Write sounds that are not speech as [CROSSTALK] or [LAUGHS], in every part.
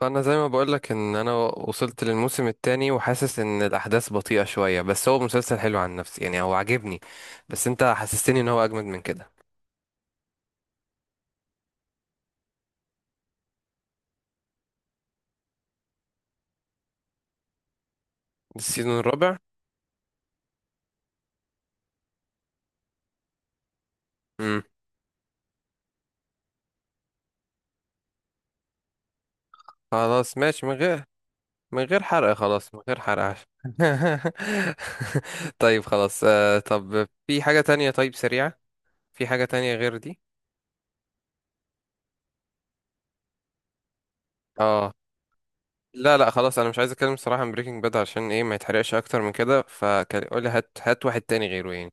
فانا زي ما بقولك ان انا وصلت للموسم الثاني، وحاسس ان الاحداث بطيئة شوية، بس هو مسلسل حلو عن نفسي. يعني هو عاجبني، بس انت حسستني ان هو اجمد من كده. السيزون الرابع؟ امم خلاص، ماشي، من غير حرق، خلاص، من غير حرق عشان [LAUGHS] طيب، خلاص. طب في حاجة تانية؟ طيب، سريعة. في حاجة تانية غير دي؟ اه. لا لا، خلاص، انا مش عايز اتكلم صراحة عن بريكنج باد، عشان ايه ما يتحرقش اكتر من كده. فقول لي، هات هات واحد تاني غيره يعني.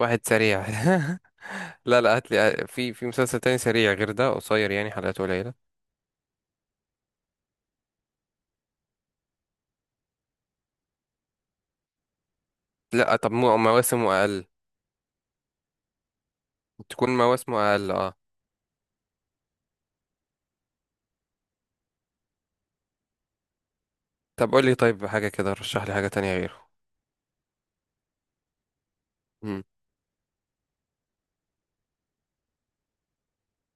واحد سريع [LAUGHS] لا لا، هات لي. في مسلسل تاني سريع غير ده؟ قصير يعني، حلقاته قليلة. لا، طب مواسمه أقل. تكون مواسمه أقل، اه. طب قول لي طيب، حاجة كده رشح لي حاجة تانية غيره. مم.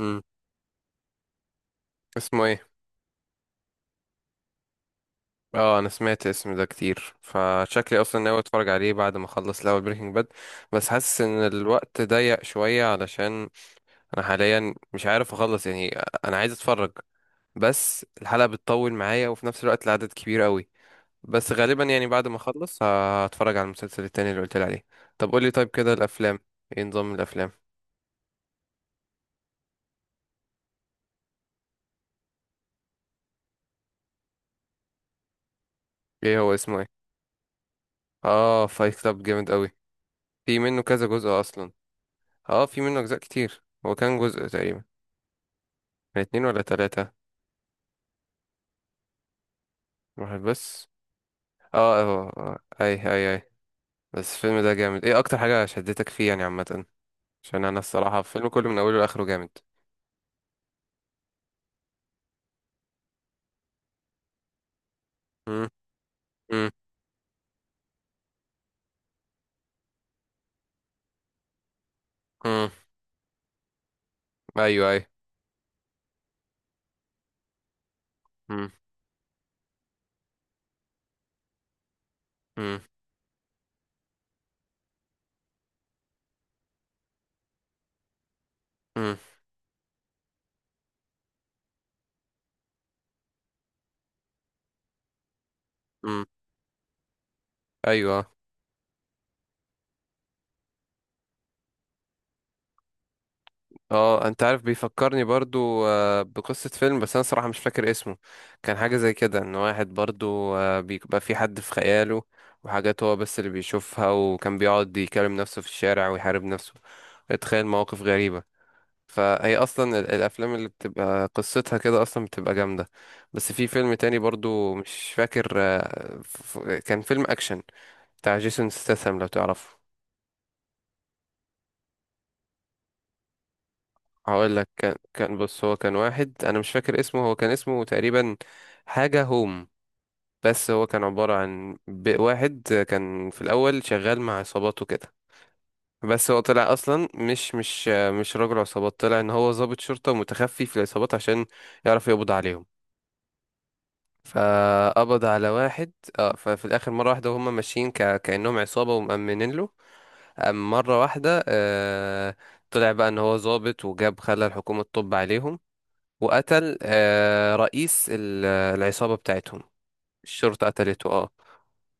مم. اسمه ايه؟ اه، انا سمعت اسم ده كتير، فشكلي اصلا ناوي اتفرج عليه بعد ما اخلص الاول بريكنج باد. بس حاسس ان الوقت ضيق شوية، علشان انا حاليا مش عارف اخلص يعني. انا عايز اتفرج، بس الحلقة بتطول معايا، وفي نفس الوقت العدد كبير قوي. بس غالبا يعني بعد ما اخلص هتفرج على المسلسل التاني اللي قلت لي عليه. طب قول لي طيب كده، الافلام، ايه نظام الافلام؟ ايه هو اسمه ايه؟ اه، فايت كلاب جامد قوي. في منه كذا جزء اصلا؟ اه، في منه اجزاء كتير. هو كان جزء تقريبا، كان اتنين ولا تلاتة؟ واحد بس. اه، اه، آه، آه، اي اي اي. بس الفيلم ده جامد. ايه اكتر حاجة شدتك فيه يعني عامة؟ عشان انا الصراحة الفيلم كله من اوله لاخره جامد. امم. امم. ايوه، ايوه. امم. امم. امم. ايوه. اه، انت عارف بيفكرني برضو بقصة فيلم، بس انا صراحة مش فاكر اسمه. كان حاجة زي كده، ان واحد برضو بيبقى في حد في خياله، وحاجات هو بس اللي بيشوفها، وكان بيقعد يكلم نفسه في الشارع ويحارب نفسه، يتخيل مواقف غريبة. فهي اصلا الافلام اللي بتبقى قصتها كده اصلا بتبقى جامدة. بس في فيلم تاني برضو مش فاكر. كان فيلم اكشن بتاع جيسون ستاثام، لو تعرفه. هقول لك. كان بص، هو كان واحد انا مش فاكر اسمه. هو كان اسمه تقريبا حاجة هوم. بس هو كان عبارة عن واحد كان في الاول شغال مع عصابات وكده. بس هو طلع اصلا مش راجل عصابات. طلع ان هو ضابط شرطة متخفي في العصابات، عشان يعرف يقبض عليهم. فقبض على واحد، اه. ففي الاخر مرة واحدة، وهم ماشيين كأنهم عصابة ومأمنين له. مرة واحدة طلع بقى ان هو ضابط، وجاب خلى الحكومة تطب عليهم، وقتل رئيس العصابة بتاعتهم. الشرطة قتلته، اه.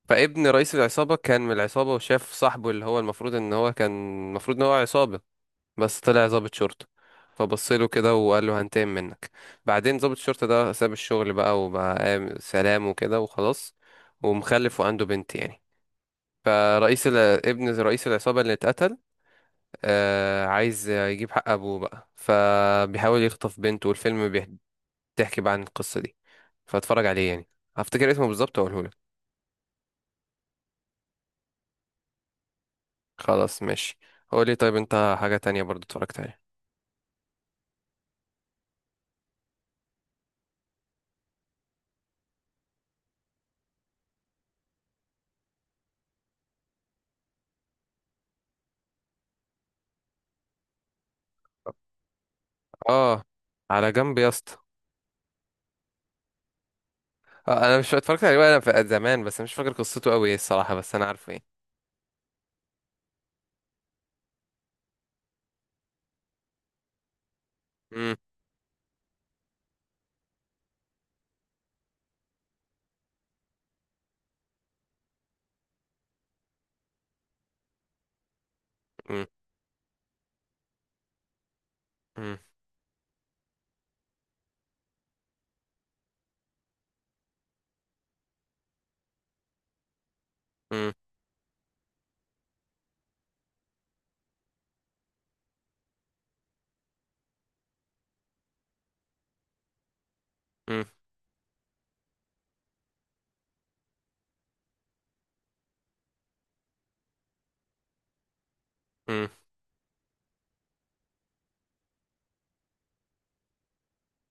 فابن رئيس العصابة كان من العصابة، وشاف صاحبه اللي هو المفروض ان هو كان، المفروض ان هو عصابة، بس طلع ضابط شرطة. فبصله كده وقال له هنتقم منك. بعدين ضابط الشرطة ده ساب الشغل بقى، وبقى سلام وكده وخلاص، ومخلف وعنده بنت يعني. فرئيس ال... ابن رئيس العصابة اللي اتقتل عايز يجيب حق أبوه بقى، فبيحاول يخطف بنته. والفيلم بيحكي، تحكي بقى عن القصة دي. فاتفرج عليه يعني. هفتكر اسمه بالظبط واقوله لك. خلاص ماشي. قول لي طيب، انت حاجة تانية برضو اتفرجت عليها؟ اه، على جنب يا اسطى. انا مش اتفرجت عليه وانا في زمان، بس مش فاكر قصته قوي الصراحة، بس انا عارفه ايه. مم، مم، مم، مم، مم، مم،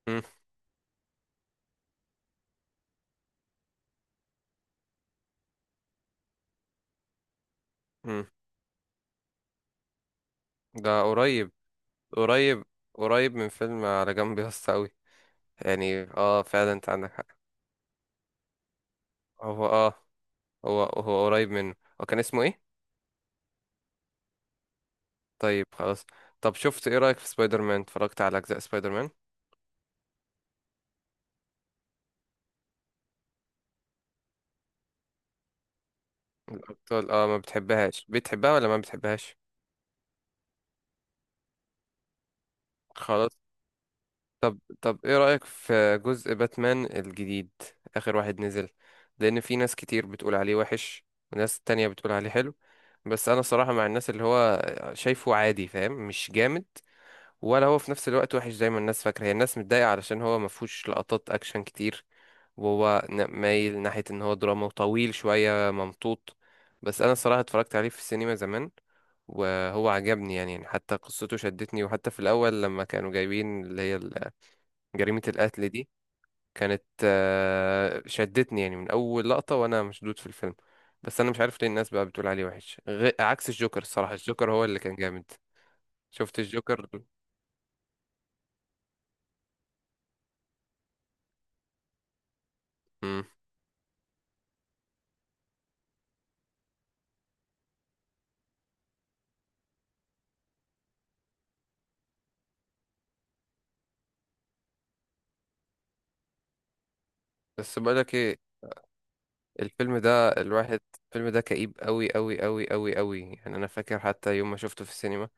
مم، مم. ده قريب، قريب، قريب من فيلم على جنب يا اسطى قوي. يعني اه، فعلا انت عندك حق. هو اه، هو هو قريب منه. هو كان اسمه ايه؟ طيب خلاص. طب شفت، ايه رأيك في سبايدر مان؟ اتفرجت على اجزاء سبايدر مان؟ الابطال اه، ما بتحبهاش؟ بتحبها ولا ما بتحبهاش؟ خلاص. طب، طب، ايه رأيك في جزء باتمان الجديد، اخر واحد نزل؟ لان في ناس كتير بتقول عليه وحش، وناس تانية بتقول عليه حلو. بس انا صراحة مع الناس اللي هو شايفه عادي، فاهم؟ مش جامد، ولا هو في نفس الوقت وحش زي ما الناس فاكرة. هي الناس متضايقة علشان هو ما فيهوش لقطات اكشن كتير، وهو مايل ناحية ان هو دراما وطويل شوية ممطوط. بس انا الصراحة اتفرجت عليه في السينما زمان، وهو عجبني يعني حتى قصته شدتني، وحتى في الأول لما كانوا جايبين اللي هي جريمة القتل دي، كانت شدتني يعني من أول لقطة، وأنا مشدود في الفيلم. بس أنا مش عارف ليه الناس بقى بتقول عليه وحش عكس الجوكر. الصراحة الجوكر هو اللي كان جامد. شفت الجوكر؟ مم. بس بقولك ايه، الفيلم ده الواحد، الفيلم ده كئيب قوي قوي قوي قوي قوي يعني. انا فاكر حتى يوم ما شفته في السينما،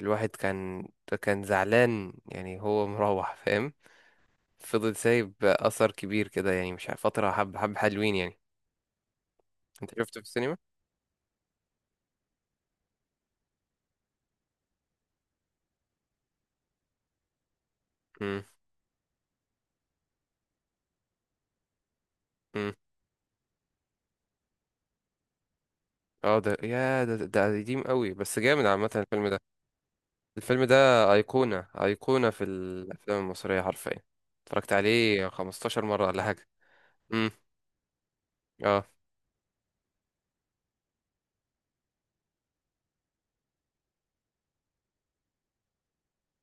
الواحد كان، كان زعلان يعني. هو مروح، فاهم، فضل سايب اثر كبير كده يعني. مش عارف- فتره حب حب حلوين يعني. انت شفته في السينما؟ امم. امم. اه، ده يا ده ده قديم قوي، بس جامد عامه الفيلم ده. الفيلم ده ايقونه، ايقونه في الافلام المصريه حرفيا. اتفرجت عليه 15 مره ولا حاجه. امم.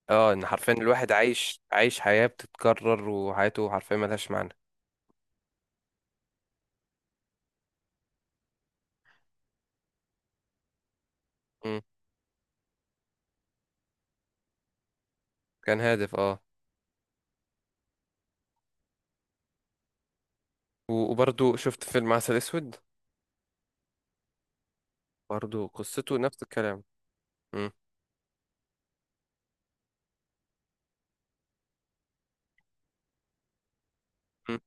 اه، ان حرفيا الواحد عايش عايش حياة بتتكرر، وحياته حرفيا ملهاش معنى. مم. كان هادف، اه. وبرضو شفت فيلم عسل اسود؟ برضو قصته نفس الكلام. مم. مم.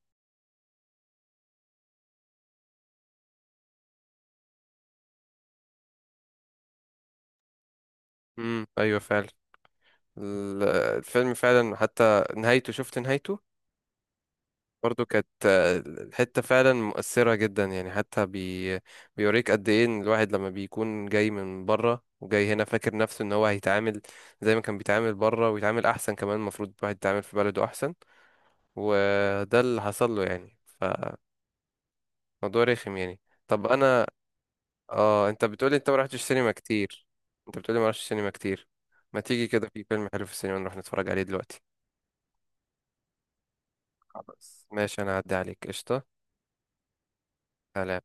مم. ايوه، فعلا. ال- الفيلم فعلا حتى نهايته، شفت نهايته؟ برضو كانت الحتة فعلا مؤثرة جدا يعني. حتى بيوريك قد ايه ان الواحد لما بيكون جاي من بره وجاي هنا، فاكر نفسه ان هو هيتعامل زي ما كان بيتعامل بره، ويتعامل احسن كمان. المفروض الواحد يتعامل في بلده احسن، وده اللي حصل له يعني. فموضوع رخم يعني. طب انا، اه، انت بتقولي انت ما رحتش سينما كتير؟ انت بتقولي ما رحتش سينما كتير؟ ما تيجي كده في فيلم حلو في السينما نروح نتفرج عليه دلوقتي؟ خلاص ماشي، انا هعدي عليك. قشطة. سلام.